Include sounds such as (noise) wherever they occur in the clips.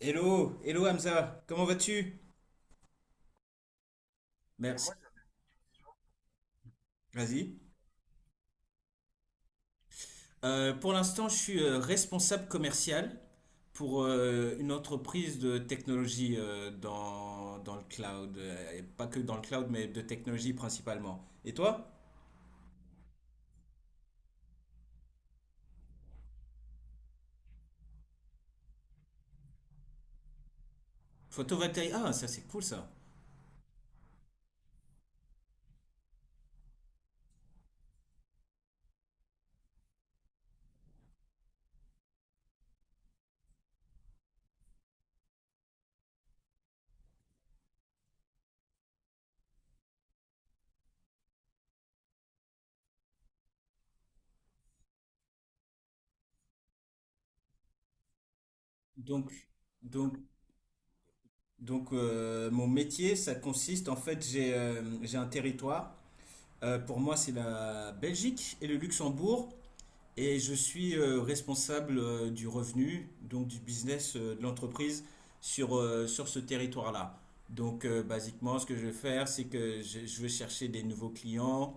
Hello, hello Hamza, comment vas-tu? Merci. Moi, vas-y. Pour l'instant, je suis responsable commercial pour une entreprise de technologie dans, dans le cloud. Et pas que dans le cloud, mais de technologie principalement. Et toi? Photovoltaïque. Ah, ça c'est cool ça. Donc, donc, donc, mon métier, ça consiste en fait, j'ai un territoire. Pour moi, c'est la Belgique et le Luxembourg. Et je suis responsable du revenu, donc du business de l'entreprise sur ce territoire-là. Donc, basiquement, ce que je vais faire, c'est que je vais chercher des nouveaux clients,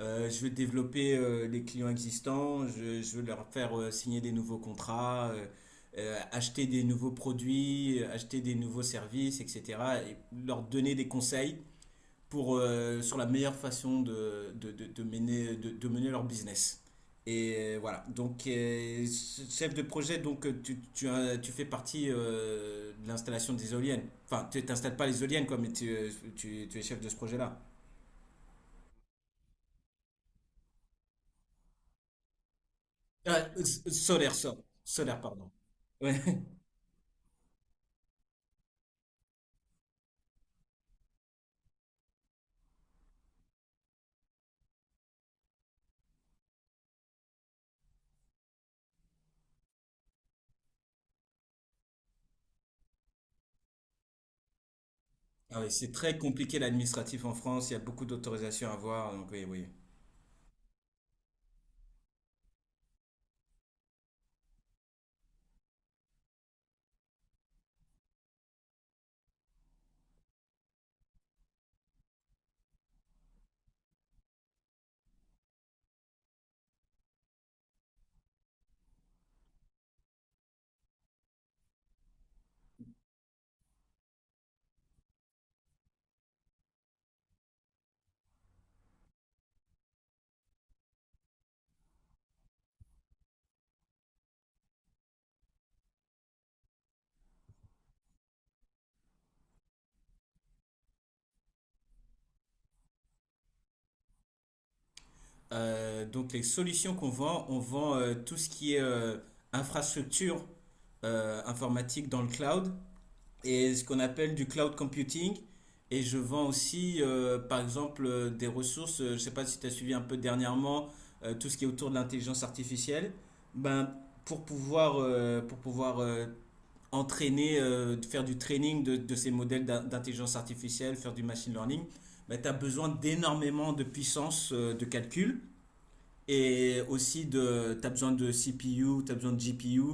je vais développer les clients existants, je vais leur faire signer des nouveaux contrats, acheter des nouveaux produits, acheter des nouveaux services, etc. Et leur donner des conseils pour, sur la meilleure façon de mener leur business. Et voilà, donc chef de projet, donc euh, tu fais partie de l'installation des éoliennes. Enfin, tu t'installes pas les éoliennes, quoi, mais tu es chef de ce projet-là. Ah, solaire, solaire, pardon. Ouais. (laughs) Ah oui, c'est très compliqué l'administratif en France, il y a beaucoup d'autorisations à avoir, donc oui, oui. Donc les solutions qu'on vend, on vend tout ce qui est infrastructure informatique dans le cloud et ce qu'on appelle du cloud computing. Et je vends aussi, par exemple, des ressources. Je ne sais pas si tu as suivi un peu dernièrement tout ce qui est autour de l'intelligence artificielle. Ben, pour pouvoir entraîner, faire du training de ces modèles d'intelligence artificielle, faire du machine learning, ben, tu as besoin d'énormément de puissance de calcul. Et aussi, de, tu as besoin de CPU, tu as besoin de GPU,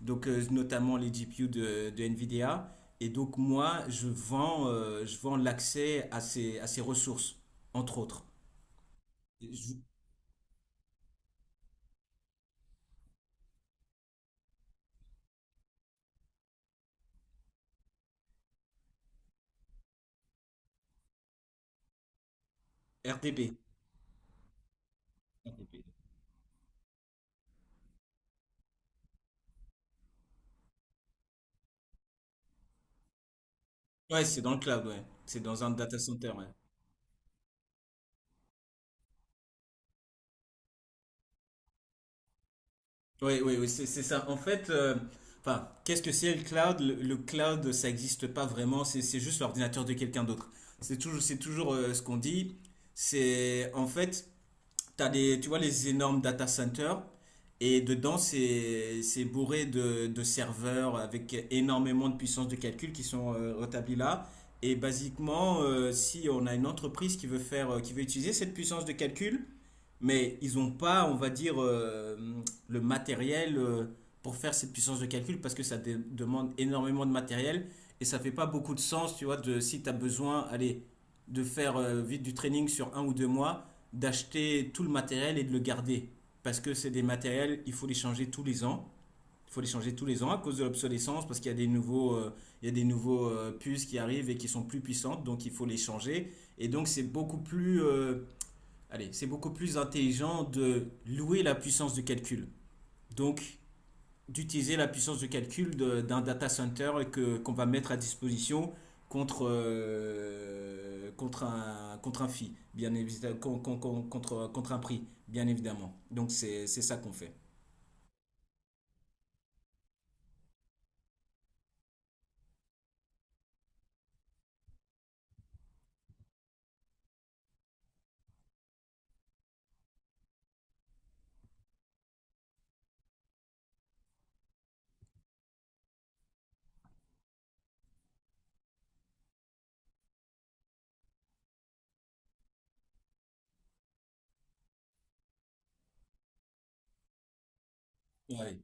donc notamment les GPU de NVIDIA. Et donc, moi, je vends l'accès à ces ressources, entre autres. Je- RDB. Ouais, c'est dans le cloud, ouais. C'est dans un data center, ouais. Oui, oui, oui, c'est ça. En fait, enfin, qu'est-ce que c'est le cloud? Le cloud, ça n'existe pas vraiment, c'est juste l'ordinateur de quelqu'un d'autre. C'est toujours ce qu'on dit. C'est en fait, t'as des, tu vois les énormes data centers et dedans c'est bourré de serveurs avec énormément de puissance de calcul qui sont rétablis là. Et basiquement, si on a une entreprise qui veut faire, qui veut utiliser cette puissance de calcul, mais ils n'ont pas, on va dire, le matériel pour faire cette puissance de calcul parce que ça demande énormément de matériel et ça fait pas beaucoup de sens, tu vois, de si tu as besoin, allez, de faire vite du training sur un ou deux mois, d'acheter tout le matériel et de le garder. Parce que c'est des matériels, il faut les changer tous les ans. Il faut les changer tous les ans à cause de l'obsolescence, parce qu'il y a des nouveaux, il y a des nouveaux puces qui arrivent et qui sont plus puissantes, donc il faut les changer. Et donc c'est beaucoup plus allez, c'est beaucoup plus intelligent de louer la puissance de calcul. Donc, d'utiliser la puissance de calcul d'un data center que, qu'on va mettre à disposition contre, contre un fee, bien évidemment, contre un prix, bien évidemment. Donc, c'est ça qu'on fait. Ouais.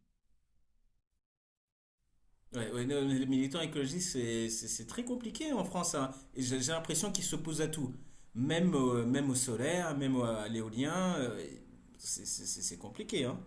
Ouais, ouais, non, les militants écologistes, c'est très compliqué en France, hein. Et j'ai l'impression qu'ils s'opposent à tout. Même, même au solaire, même à l'éolien, c'est compliqué, hein.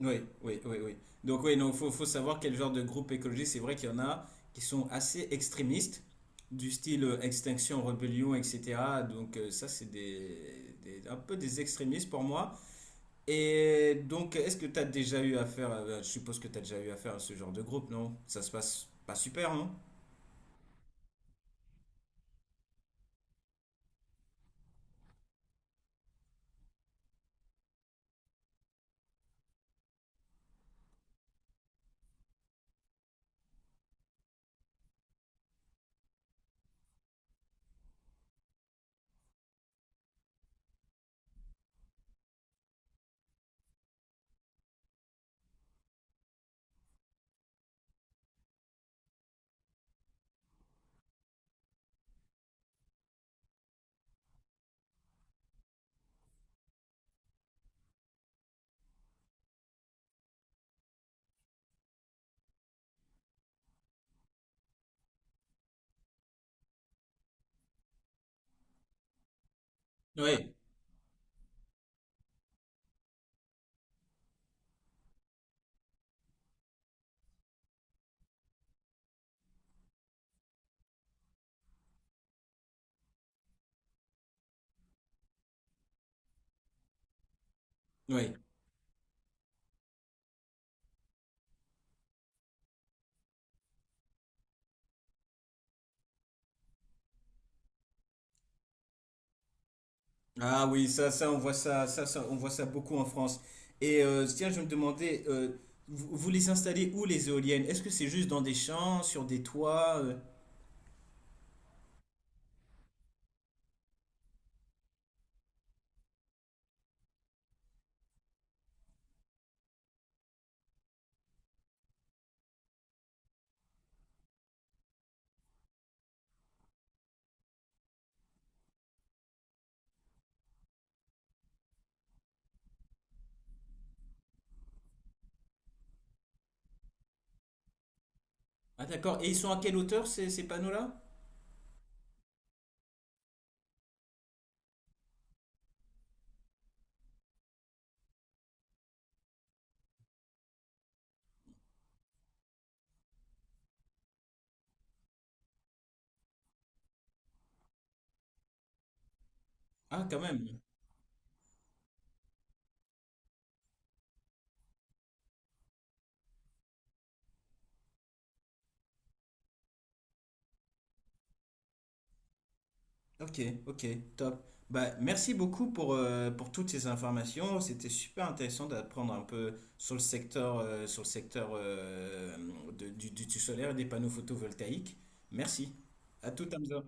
Oui, oui, oui, oui. Donc, oui, non, faut savoir quel genre de groupe écologiste. C'est vrai qu'il y en a qui sont assez extrémistes, du style Extinction, Rébellion, etc. Donc, ça, un peu des extrémistes pour moi. Et donc, est-ce que tu as déjà eu affaire à, je suppose que tu as déjà eu affaire à ce genre de groupe, non? Ça se passe pas super, non? Oui, oui. Ah oui, on voit ça, on voit ça beaucoup en France. Et tiens, je me demandais, vous les installez où les éoliennes? Est-ce que c'est juste dans des champs, sur des toits? Ah d'accord. Et ils sont à quelle hauteur ces, ces panneaux-là? Ah quand même. Ok, ok, top. Bah merci beaucoup pour toutes ces informations. C'était super intéressant d'apprendre un peu sur le secteur, du solaire et des panneaux photovoltaïques. Merci. À tout, Hamza.